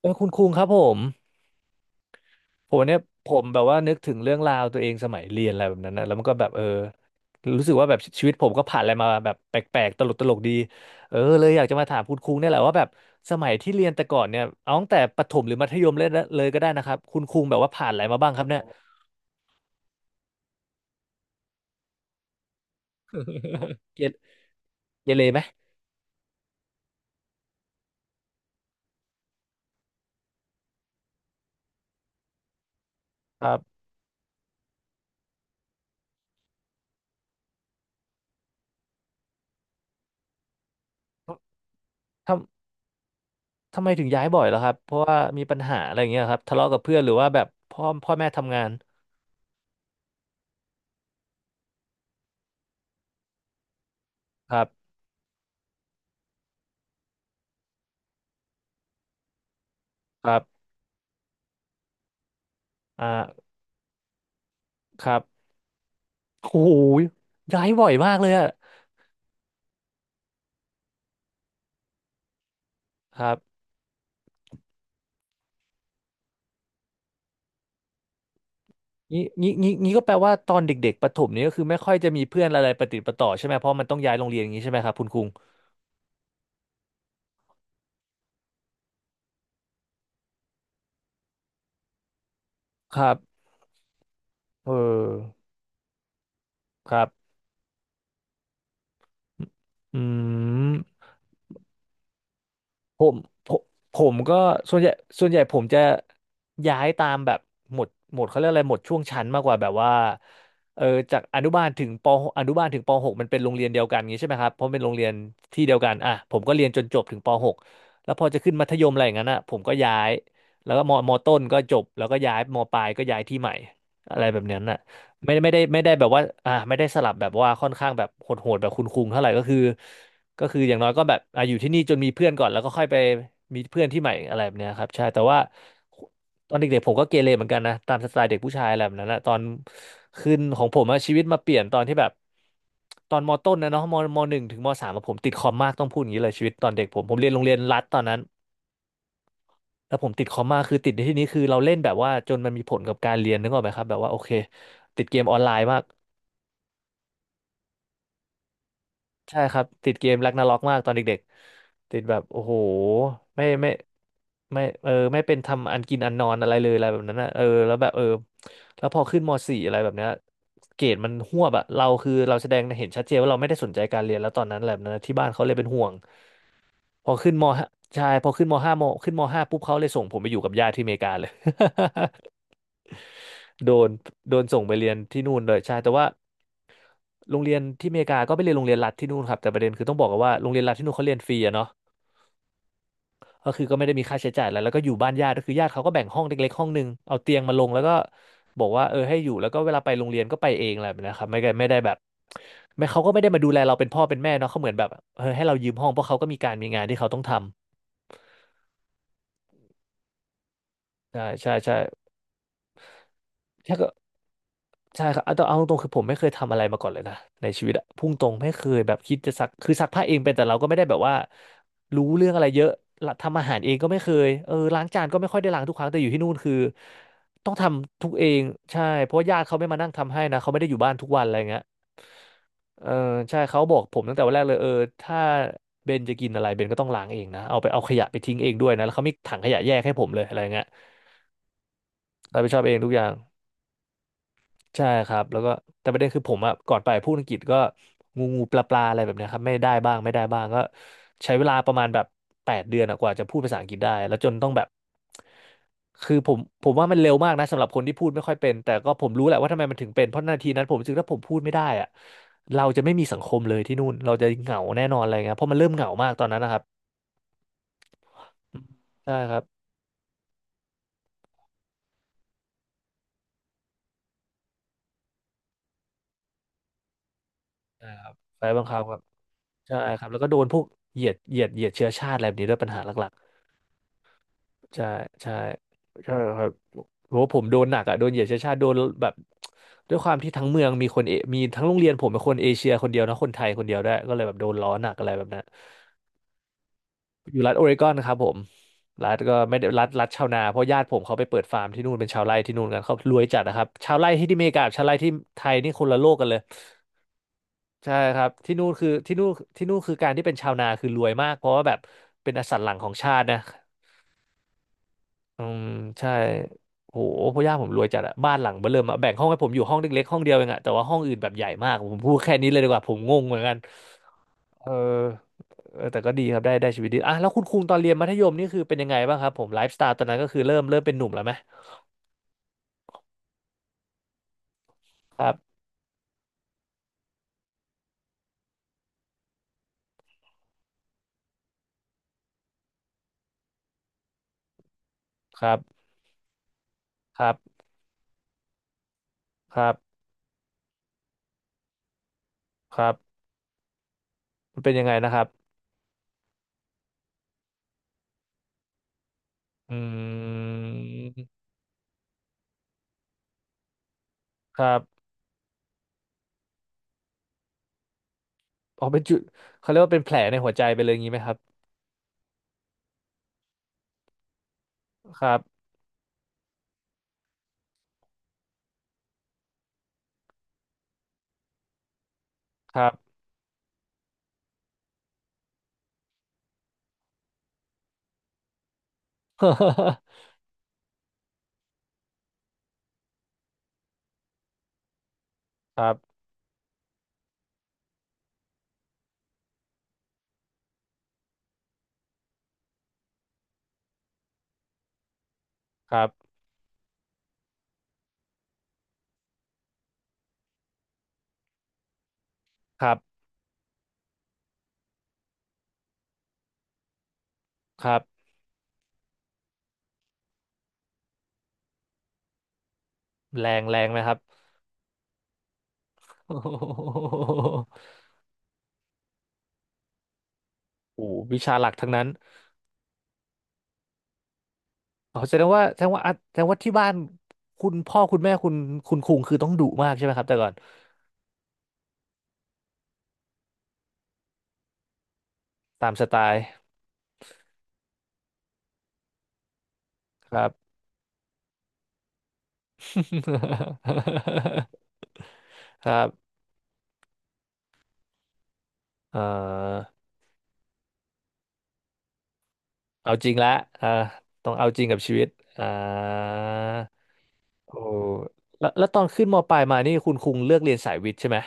คุณคุงครับผมเนี่ยผมแบบว่านึกถึงเรื่องราวตัวเองสมัยเรียนอะไรแบบนั้นนะแล้วมันก็แบบรู้สึกว่าแบบชีวิตผมก็ผ่านอะไรมาแบบแปลกๆตลกดีเออเลยอยากจะมาถามคุณคุงเนี่ยแหละว่าแบบสมัยที่เรียนแต่ก่อนเนี่ยเอาตั้งแต่ประถมหรือมัธยมเลยก็ได้นะครับคุณคุงแบบว่าผ่านอะไรมาบ้างครับเนี่ยเกเรเกเรไหมครับทำทำไมถึงย้ายบ่อยล่ะครับเพราะว่ามีปัญหาอะไรอย่างเงี้ยครับทะเลาะกับเพื่อนหรือว่าแบบพ่อแม่ทำงานครับครับอ่าครับ โอ้โหย้ายบ่อยมากเลยอะครับงี้ก็แปลว่าตอนเด็กๆประถมนี้ก็คือไม่ค่อยจะมีเพื่อนอะไรประติดประต่อใช่ไหมเพราะมันต้องย้ายโรงเรียนอย่างนี้ใช่ไหมครับคุณคุงครับเออครับอืม ผมผมผมก็ส่วนใหญ่ส่วนใหญ่ผมจะย้ายตามแบบหมวดเขาเรียกอะไรหมวดช่วงชั้นมากกว่าแบบว่าเออจากอนุบาลถึงปอนุบาลถึงป .6 มันเป็นโรงเรียนเดียวกันอย่างงี้ใช่ไหมครับเพราะเป็นโรงเรียนที่เดียวกันอ่ะผมก็เรียนจนจบถึงป .6 แล้วพอจะขึ้นมัธยมอะไรอย่างนั้นอ่ะผมก็ย้ายแล้วก็มมต้นก็จบแล้วก็ย้ายมปลายก็ย้ายที่ใหม่อะไรแบบนั้นน่ะไม่ได้แบบว่าไม่ได้สลับแบบว่าค่อนข้างแบบโหดๆแบบคุณคุงเท่าไหร่ก็คือ อย่างน้อยก็แบบอ่ะอยู่ที่นี่จนมีเพื่อนก่อนแล้วก็ค่อยไปมีเพื่อนที่ใหม่อะไรแบบเนี้ยครับใช่แต่ว่าตอนเด็กๆผมก็เกเรเหมือนกันนะตามสไตล์เด็กผู้ชายอะไรแบบนั้นนะตอนขึ้นของผมอะชีวิตมาเปลี่ยนตอนที่แบบตอนมต้นนะเนาะมมหนึ่งถึงมสามอะผมติดคอมมากต้องพูดอย่างนี้เลยชีวิตตอนเด็กผมเรียนโรงเรียนรัฐตอนนั้นแล้วผมติดคอมมากคือติดในที่นี้คือเราเล่นแบบว่าจนมันมีผลกับการเรียนนึกออกไหมครับแบบว่าโอเคติดเกมออนไลน์มาก ใช่ครับติดเกมแร็กนาร็อกมากตอนเด็กๆติดแบบโอ้โหไม่ไม่ไม่ไม่เป็นทำอันกินอันนอนอะไรเลยอะไรแบบนั้นนะเออแล้วแบบเออแล้วพอขึ้นม .4 อะไรแบบเนี้ยเกรดมันหวบอะเราแสดงเห็นชัดเจนว่าเราไม่ได้สนใจการเรียนแล้วตอนนั้นอะไรแหละนนะที่บ้านเขาเลยเป็นห่วงพอขึ้นม .5 ใช่พอขึ้นม .5 มขึ้นม .5 ปุ๊บเขาเลยส่งผมไปอยู่กับญาติที่อเมริกาเลย โดนโดนส่งไปเรียนที่นู่นเลยใช่แต่ว่าโรงเรียนที่อเมริกาก็ไปเรียนโรงเรียนรัฐที่นู่นครับแต่ประเด็นคือต้องบอกกอนว่าโรงเรียนรัฐที่นู่นเขาเรียนฟรีอะเนาะ ก็คือก็ไม่ได้มีค่าใช้จ่ายอะไรแล้วก็อยู่บ้านญาติก็คือญาติเขาก็แบ่งห้องเล็กๆห้องหนึ่งเอาเตียงมาลงแล้วก็บอกว่าเออให้อยู่แล้วก็เวลาไปโรงเรียนก็ไปเองอะไรแบบนะครับไม่ได้ไม่ได้แบบไม่เขาก็ไม่ได้มาดูแลเราเป็นพ่อเป็นแม่เนาะเขาเหมือนแบบเออให้เรายืมห้องเพราะเขาก็มีงานที่เขาต้องทำใช่ ใช่ครับเอาตรงๆคือผมไม่เคยทำอะไรมาก่อนเลยนะในชีวิตอะพุ่งตรงไม่เคยแบบคิดจะซักคือซักผ้าเองเป็นแต่เราก็ไม่ได้แบบว่ารู้เรื่องอะไรเยอะละทำอาหารเองก็ไม่เคยเออล้างจานก็ไม่ค่อยได้ล้างทุกครั้งแต่อยู่ที่นู่นคือต้องทำทุกเองใช่เพราะว่าญาติเขาไม่มานั่งทำให้นะเขาไม่ได้อยู่บ้านทุกวันอะไรเงี้ยเออใช่เขาบอกผมตั้งแต่วันแรกเลยเออถ้าเบนจะกินอะไรเบนก็ต้องล้างเองนะเอาขยะไปทิ้งเองด้วยนะแล้วเขามีถังขยะแยกให้ผมเลยอะไรเงี้ยรับผิดชอบเองทุกอย่าง ใช่ครับแล้วก็แต่ประเด็นคือผมอะก่อนไปพูดอังกฤษก็งูงูปลาปลาอะไรแบบเนี้ยครับไม่ได้บ้างไม่ได้บ้างก็ใช้เวลาประมาณแบบแปดเดือนอะกว่าจะพูดภาษาอังกฤษได้แล้วจนต้องแบบคือผมว่ามันเร็วมากนะสำหรับคนที่พูดไม่ค่อยเป็นแต่ก็ผมรู้แหละว่าทำไมมันถึงเป็นเพราะนาทีนั้นผมรู้สึกถ้าผมพูดไม่ได้อะเราจะไม่มีสังคมเลยที่นู่นเราจะเหงาแน่นอนอะไรเงี้ยเพราะมันเริ่มเหงามากตอนนั้นนะครับอืมใช่ครับใช่ครับไฟบังคับครับใช่ครับแล้วก็โดนพวกเหยียดเชื้อชาติอะไรแบบนี้ด้วยปัญหาหลัก ใช่ใช่ใช่ ครับโหผมโดนหนักอ่ะโดนเหยียดเชื้อชาติโดนแบบด้วยความที่ทั้งเมืองมีคนเอมีทั้งโรงเรียนผมเป็นคนเอเชียคนเดียวนะคนไทยคนเดียวด้วยก็เลยแบบโดนล้อหนักอะไรแบบนั้นอยู่รัฐโอเรกอนนะครับผมรัฐก็ไม่ได้รัฐชาวนาเพราะญาติผมเขาไปเปิดฟาร์มที่นู่นเป็นชาวไร่ที่นู่นกันเขารวยจัดนะครับชาวไร่ที่อเมริกากับชาวไร่ที่ไทยนี่คนละโลกกันเลยใช่ครับที่นู่นคือที่นู่นคือการที่เป็นชาวนาคือรวยมากเพราะว่าแบบเป็นอสันหลังของชาตินะ อืมใช่โหพ่อย่าผมรวยจัดอะบ้านหลังเบ้อเริ่มอะแบ่งห้องให้ผมอยู่ห้องเล็กๆห้องเดียวเองอะแต่ว่าห้องอื่นแบบใหญ่มากผมพูดแค่นี้เลยดีกว่าผมงงเหมือนกันเออเออแต่ก็ดีครับได้ได้ชีวิตดีอ่ะแล้วคุณคุงตอนเรียนมัธยมนี่คือเป็นยังไงบ้างครับผมไลฟ์สไตล์ตอนนั้นก็คือเริ่มเป็นหนุ่มแล้วไหมครับครับครับครับครับมันเป็นยังไงนะครับอืมครับเอาเป็นจุดเขาเรียกว่าเป็นแผลในหัวใจไปเลยอย่างนี้ไหมครับครับครับ ครับครับครับครับ แรงแรงไหมครับ โอ้โหวิชาหลักทั้งนั้นอ๋อแสดงว่าที่บ้านคุณพ่อคุณแม่คุณคุงคือต้องดุมากใช่ไหมครับแต่ก่อนตามสไตล์ครับ ครับเอ่อเอาจริงละอ่าต้องเอาจริงกับชีวิตอ่าโอ้แล้วแล้วตอนขึ้นมปลายมานี่คุณคุงเลือกเรียนสายวิทย์ใช่ไหม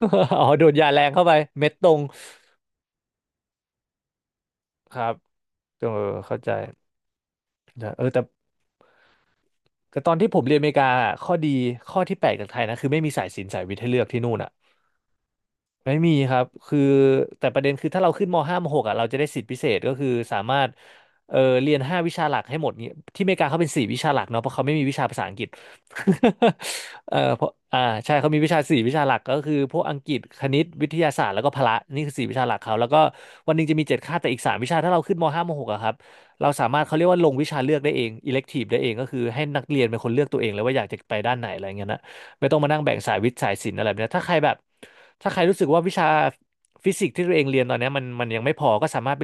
อ๋อโดนยาแรงเข้าไปเม็ดตรงครับเออเข้าใจนะเออแต่ แต่ตอนที่ผมเรียนอเมริกาข้อดีข้อที่แปลกจากไทยนะคือไม่มีสายศิลป์สายวิทย์ให้เลือกที่นู่นอ่ะ ไม่มีครับคือแต่ประเด็นคือถ้าเราขึ้นม .5 มหกอ่ะเราจะได้สิทธิพิเศษก็คือสามารถเออเรียนห้าวิชาหลักให้หมดเนี่ยที่อเมริกาเขาเป็นสี่วิชาหลักเนาะเพราะเขาไม่มีวิชาภาษาอังกฤษ เออเพราะอ่าใช่เขามีวิชาสี่วิชาหลักก็คือพวกอังกฤษคณิตวิทยาศาสตร์แล้วก็พละนี่คือสี่วิชาหลักเขาแล้วก็วันหนึงจะมีเจ็ดคาบแต่อีกสามวิชาถ้าเราขึ้นม .5 มหกอะครับเราสามารถเขาเรียกว่าลงวิชาเลือกได้เอง elective ได้เองก็คือให้นักเรียนเป็นคนเลือกตัวเองเลยว่าอยากจะไปด้านไหนอะไรเงี้ยนะ ไม่ต้องมานั่งแบ่งสายวิทย์สายศิลป์อะไรแบบเนี้ยถ้าใครแบบถ้าใครรู้สึกว่าวิชาฟิสิกส์ที่ตัวเองเรียนตอนเนี้ยมันยังไม่พอก็สามารถไป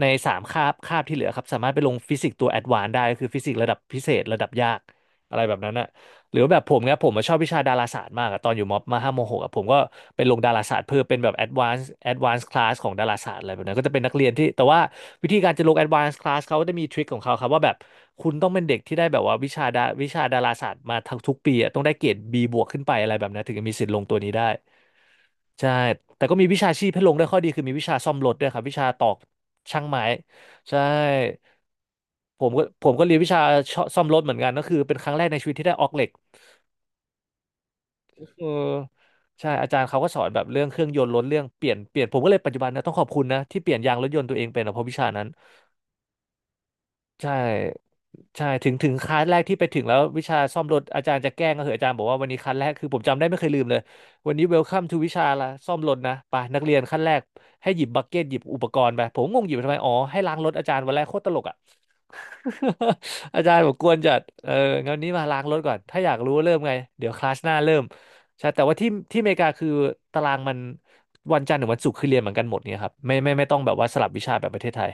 ในสามคาบคาบที่เหลือครับสามารถไปลงฟิสิกส์ตัวแอดวานซ์ได้ก็คือฟิสิกส์ระดับพิเศษระดับยากอะไรแบบนั้นอะ หรือแบบผมเนี่ยผมอะชอบวิชาดาราศาสตร์มากอะตอนอยู่มมห้ามหกอะผมก็ไปลงดาราศาสตร์เพื่อเป็นแบบ advanced class ของดาราศาสตร์อะไรแบบนั้นก็จะเป็นนักเรียนที่แต่ว่าวิธีการจะลง advanced class เขาก็จะมีทริคของเขาครับว่าแบบคุณต้องเป็นเด็กที่ได้แบบว่าวิชาดาราศาสตร์มาทั้งทุกปีอะต้องได้เกรด B บวกขึ้นไปอะไรแบบนั้นถึงจะมีสิทธิ์ลงตัวนี้ได้ใช่แต่ก็มีวิชาชีพให้ลงได้วยข้อดีคือมีวิชาซ่อมรถด้วยครับวิชาตอกช่างไม้ใช่ผมก็เรียนวิชาซ่อมรถเหมือนกันก็คือเป็นครั้งแรกในชีวิตที่ได้ออกเหล็ก เออใช่อาจารย์เขาก็สอนแบบเรื่องเครื่องยนต์ล้นเรื่องเปลี่ยนผมก็เลยปัจจุบันนะต้องขอบคุณนะที่เปลี่ยนยางรถยนต์ตัวเองเป็นอะเพราะวิชานั้น ใช่ใช่ถึงคลาสแรกที่ไปถึงแล้ววิชาซ่อมรถอาจารย์จะแกล้งก็เหอะอาจารย์บอกว่าวันนี้คลาสแรกคือผมจำได้ไม่เคยลืมเลยวันนี้เวลคัมทูวิชาละซ่อมรถนะไปนักเรียนขั้นแรกให้หยิบบักเก็ตหยิบอุปกรณ์ไปผมงงหยิบไปทำไมอ๋อให้ล้างรถอาจารย์วันแรกโคตรตลกอ่ะ อาจารย์บอกกวนจัดเออนี้มาล้างรถก่อนถ้าอยากรู้ว่าเริ่มไงเดี๋ยวคลาสหน้าเริ่มใช่แต่ว่าที่อเมริกาคือตารางมันวันจันทร์ถึงวันศุกร์คือเรียนเหมือนกันหมดเนี่ยครับไม่ต้องแบบว่าสลับวิชาแบบประเทศไทย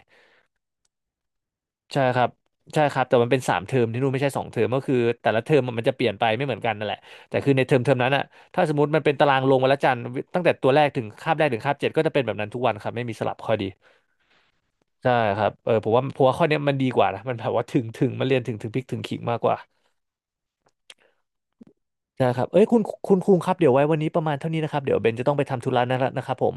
ใช่ครับใช่ครับแต่มันเป็นสามเทอมที่นู่นไม่ใช่สองเทอมก็คือแต่ละเทอมมันจะเปลี่ยนไปไม่เหมือนกันนั่นแหละแต่คือในเทอมนั้นอะถ้าสมมติมันเป็นตารางลงวันละจันทร์ตั้งแต่ตัวแรกถึงคาบเจ็ดก็จะเป็นแบบนั้นทุกวันครับไม่มีสลับข้อดีใช่ครับเออผมว่าข้อเนี้ยมันดีกว่านะมันแบบว่าถึงถึงมันเรียนถึงถึงพริกถึงขิงมากกว่าใช่ครับเอ้ยคุณคุณคุงครับเดี๋ยวไว้วันนี้ประมาณเท่านี้นะครับเดี๋ยวเบนจะต้องไปทำธุระนะนะครับผม